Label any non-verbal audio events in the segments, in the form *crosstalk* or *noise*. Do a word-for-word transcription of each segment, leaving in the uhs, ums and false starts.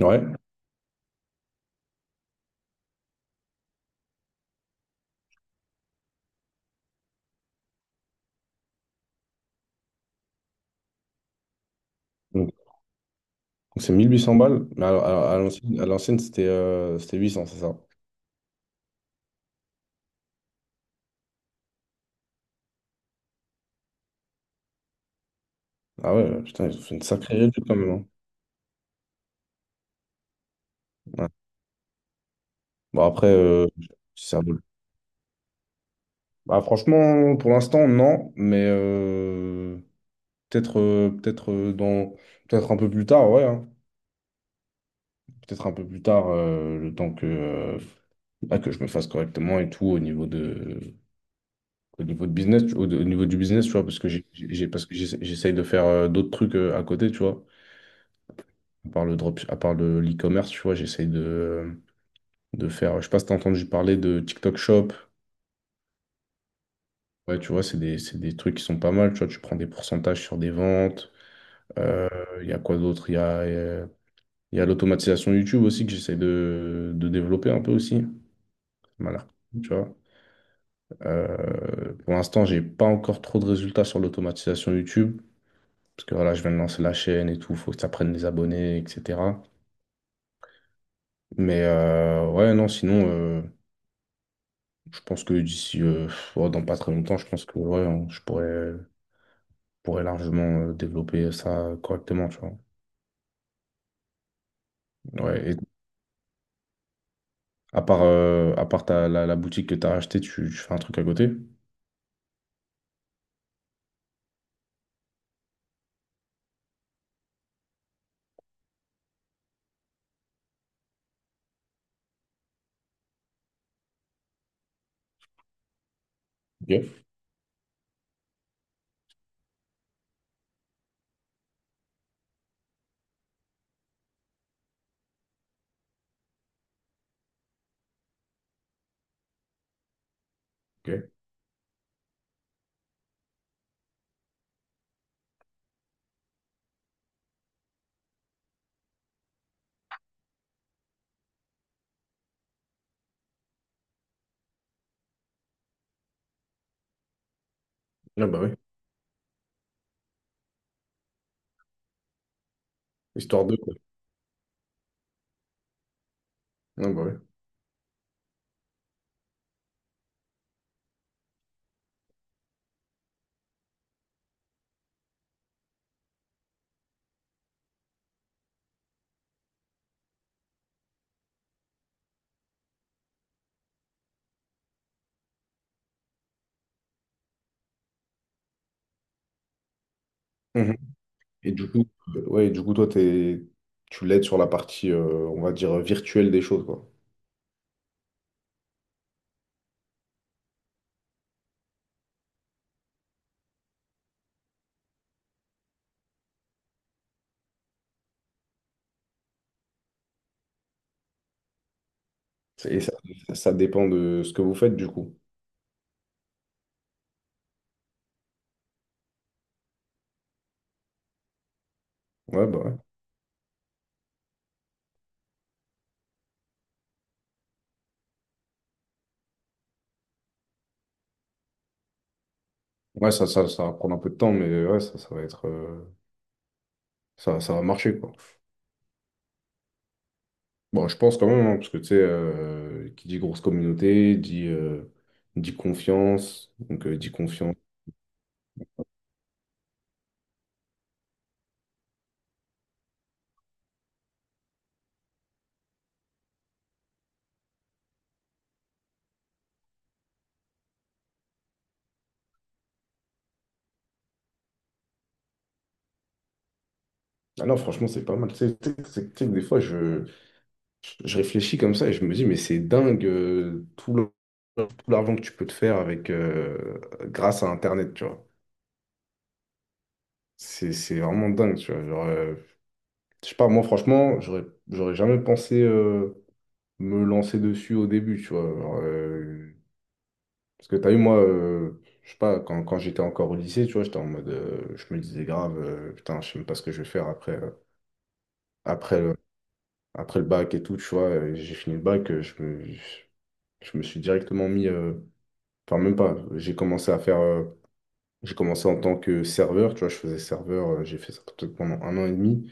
Ouais, donc donc c'est mille huit cents balles, mais à, à- à l'ancienne, à l'ancienne, c'était euh, c'était huit cents, c'est ça? Ah ouais, putain, ils ont fait une sacrée réduction quand même, hein. Ouais. Bon, après, euh, si ça vaut le- bah, franchement, pour l'instant, non, mais euh, peut-être euh, peut-être euh, dans... peut-être un peu plus tard, ouais, hein. Peut-être un peu plus tard, euh, le temps que, euh, bah, que je me fasse correctement et tout au niveau de, au niveau de business, tu- au, au niveau du business, tu vois, parce que j'ai, j'ai- parce que j'essa- j'essaye de faire euh, d'autres trucs euh, à côté, tu vois. À part le drop, à part le l'e-commerce, tu vois, j'essaye de, de faire. Je sais pas si t'as entendu parler de TikTok Shop. Ouais, tu vois, c'est des, c'est des trucs qui sont pas mal. Tu vois, tu prends des pourcentages sur des ventes. Euh, Il y a quoi d'autre? Il y a, euh, il y a l'automatisation YouTube aussi que j'essaie de, de développer un peu aussi. Voilà. Tu vois. Euh, pour l'instant, j'ai pas encore trop de résultats sur l'automatisation YouTube. Parce que voilà, je viens de lancer la chaîne et tout, faut que ça prenne des abonnés, et cetera. Mais euh, ouais, non, sinon. euh, Je pense que d'ici, euh, oh, dans pas très longtemps, je pense que ouais, on- je pourrais, pourrais largement euh, développer ça correctement, tu vois. Ouais, et à part, euh, à part ta- la, la boutique que tu as achetée, tu, tu fais un truc à côté? Ok, ok. Ah bah oui, histoire de quoi. Ah bah oui. Mhm. Et du coup, euh, ouais, et du coup, toi, t'es, tu l'aides sur la partie, euh, on va dire, virtuelle des choses, quoi. C'est- Et ça, ça dépend de ce que vous faites, du coup. Ouais, bah ouais. Ouais, ça, ça, ça va prendre un peu de temps, mais ouais, ça, ça va être, euh, ça, ça va marcher, quoi. Bon, je pense quand même, hein, parce que tu sais, euh, qui dit grosse communauté, dit, euh, dit confiance, donc euh, dit confiance. Ah non, franchement, c'est pas mal. Tu sais, tu sais- tu sais- tu sais que des fois, je, je réfléchis comme ça et je me dis, mais c'est dingue euh, tout le- tout l'argent que tu peux te faire avec, euh, grâce à Internet, tu vois. C'est c'est vraiment dingue, tu vois. Genre, euh, je sais pas, moi, franchement, j'aurais j'aurais jamais pensé euh, me lancer dessus au début, tu vois. Genre, euh, parce que t'as vu, moi, euh, je sais pas, quand, quand j'étais encore au lycée, tu vois, j'étais en mode, euh, je me disais grave, euh, putain, je sais même pas ce que je vais faire après, euh, après, le, après le bac et tout, tu vois, et j'ai fini le bac, euh, je me, je, je me suis directement mis, euh, enfin, même pas, j'ai commencé à faire, euh, j'ai commencé en tant que serveur, tu vois, je faisais serveur, euh, j'ai fait ça peut-être pendant un an et demi,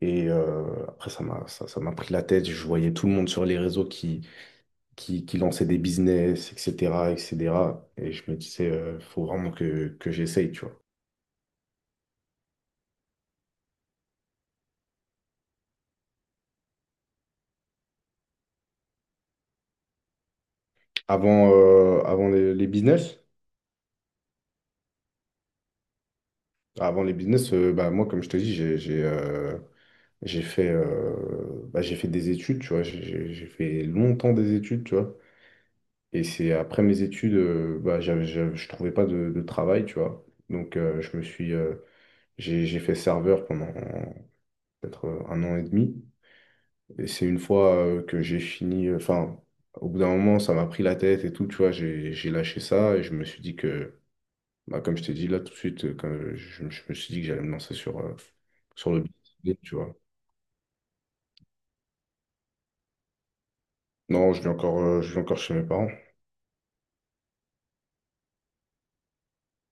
et euh, après, ça m'a, ça, ça m'a pris la tête, je voyais tout le monde sur les réseaux qui, qui, qui lançaient des business, et cetera, et cetera, et cetera. Et je me disais, euh, faut vraiment que, que j'essaye, tu vois. Avant, euh, avant les, les business, avant les business, euh, bah, moi, comme je te dis, j'ai j'ai euh, j'ai fait, euh, bah, j'ai fait des études, tu vois. J'ai j'ai- j'ai fait longtemps des études, tu vois. Et c'est après mes études, euh, bah, j'avais, j'avais- je trouvais pas de, de travail, tu vois. Donc, euh, je me suis, euh, j'ai j'ai fait serveur pendant peut-être euh, un an et demi. Et c'est une fois euh, que j'ai fini, enfin, au bout d'un moment, ça m'a pris la tête et tout, tu vois. J'ai j'ai lâché ça et je me suis dit que bah, comme je t'ai dit là tout de suite, euh, quand je, je me suis dit que j'allais me lancer sur, euh, sur le business, tu vois. Non, je vis encore, euh, je vis encore chez mes parents. *laughs*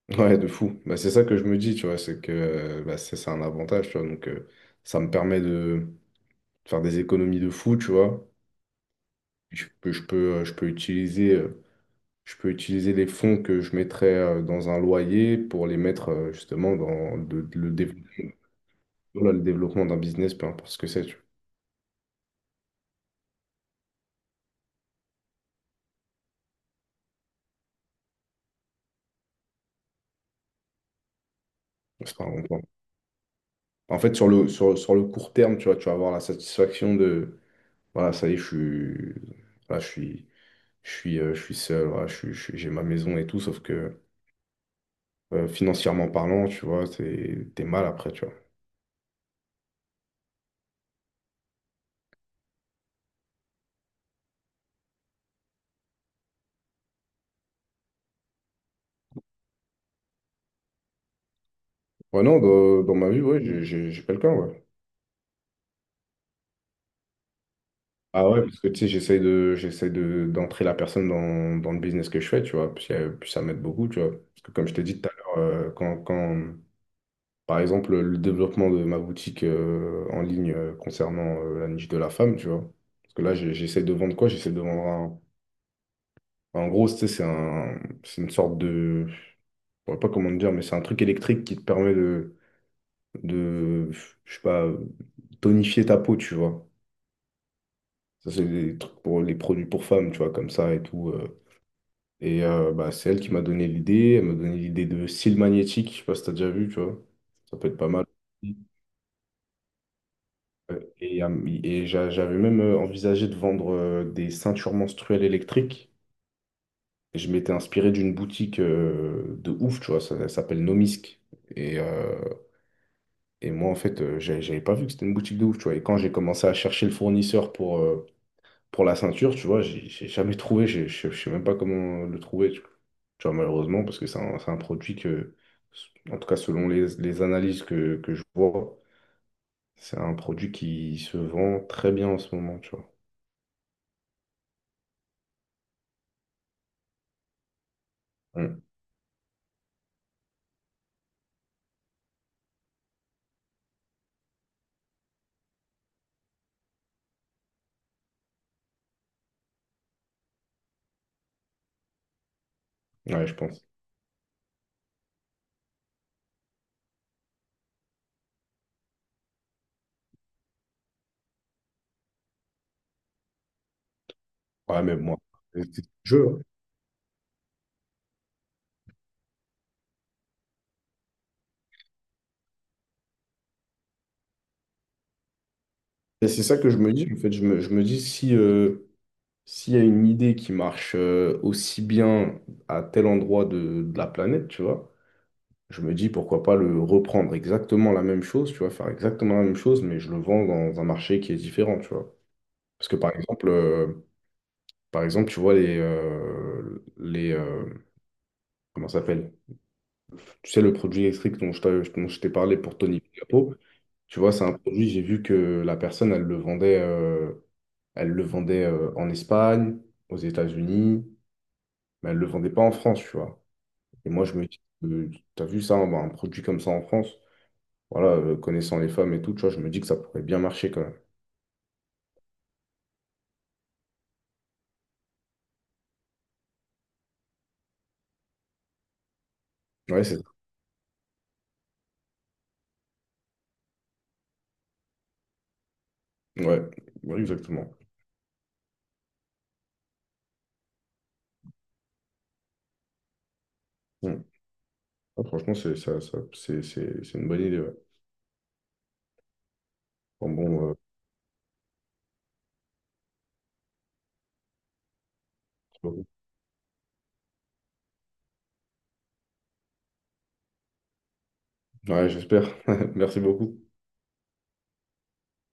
Ouais, de fou. Bah, c'est ça que je me dis, tu vois, c'est que euh, bah, c'est c'est un avantage, tu vois. Donc, euh, ça me permet de faire des économies de fou, tu vois. Je peux, je peux, euh, je peux utiliser, euh, je peux utiliser les fonds que je mettrais euh, dans un loyer pour les mettre euh, justement dans de- de- le développement, voilà, le développement d'un business, peu importe ce que c'est, tu vois. Enfin, on peut En fait, sur le, sur, sur le court terme, tu vois, tu vas avoir la satisfaction de, voilà, ça y est, je suis, voilà, je suis, je suis, euh, je suis seul, voilà, je suis- je suis- j'ai ma maison et tout, sauf que euh, financièrement parlant, tu vois, t'es, t'es mal après, tu vois. Ouais, non, dans, dans ma vie, ouais, j'ai j'ai- j'ai quelqu'un, ouais. Ah ouais, parce que tu sais, j'essaye de, j'essaye de, d'entrer la personne dans, dans le business que je fais, tu vois, puis, euh, puis ça m'aide beaucoup, tu vois. Parce que comme je t'ai dit tout à l'heure, euh, quand, quand, par exemple, le développement de ma boutique euh, en ligne euh, concernant euh, la niche de la femme, tu vois. Parce que là, j'ai- j'essaie de vendre quoi? J'essaie de vendre un. En gros, tu sais, c'est un, c'est une sorte de... Je pourrais pas comment te dire, mais c'est un truc électrique qui te permet de... de... je sais pas, tonifier ta peau, tu vois. Ça, c'est des trucs pour les produits pour femmes, tu vois, comme ça et tout. euh. Et euh, bah, c'est elle qui m'a donné l'idée. Elle m'a donné l'idée de cils magnétiques. Je sais pas si t'as déjà vu, tu vois. Ça peut être pas mal. Et, euh, et j'a- j'avais même euh, envisagé de vendre euh, des ceintures menstruelles électriques. Et je m'étais inspiré d'une boutique euh, de ouf, tu vois, ça, ça s'appelle Nomisk. Et, euh, et moi, en fait, euh, j'a- j'avais pas vu que c'était une boutique de ouf, tu vois. Et quand j'ai commencé à chercher le fournisseur pour, euh, pour la ceinture, tu vois, j'ai j'ai jamais trouvé, j'ai- je je sais même pas comment le trouver, tu tu vois, malheureusement, parce que c'est un, c'est un produit que, en tout cas, selon les, les analyses que, que je vois, c'est un produit qui se vend très bien en ce moment, tu vois. Ouais, je pense. Ouais, mais moi, c'est le jeu, hein. Et c'est ça que je me dis, en fait, je me, je me dis si euh, s'il y a une idée qui marche euh, aussi bien à tel endroit de, de la planète, tu vois, je me dis pourquoi pas le reprendre exactement la même chose, tu vois, faire exactement la même chose, mais je le vends dans un marché qui est différent, tu vois. Parce que par exemple, euh, par exemple, tu vois les euh, les euh, comment ça s'appelle? Tu sais le produit électrique dont je t'ai dont je t'ai parlé pour Tony Capo. Tu vois, c'est un produit, j'ai vu que la personne, elle le vendait, euh, elle le vendait euh, en Espagne, aux États-Unis, mais elle ne le vendait pas en France, tu vois. Et moi, je me dis, euh, t'as vu ça, un, un produit comme ça en France? Voilà, euh, connaissant les femmes et tout, tu vois, je me dis que ça pourrait bien marcher quand même. Ouais, c'est ouais, ouais, exactement. Mm. Ah, franchement, c'est ça, ça- c'est c'est- c'est une bonne idée. Ouais. Bon, bon, euh, ouais, j'espère. *laughs* Merci beaucoup.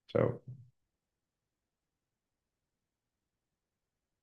Ciao.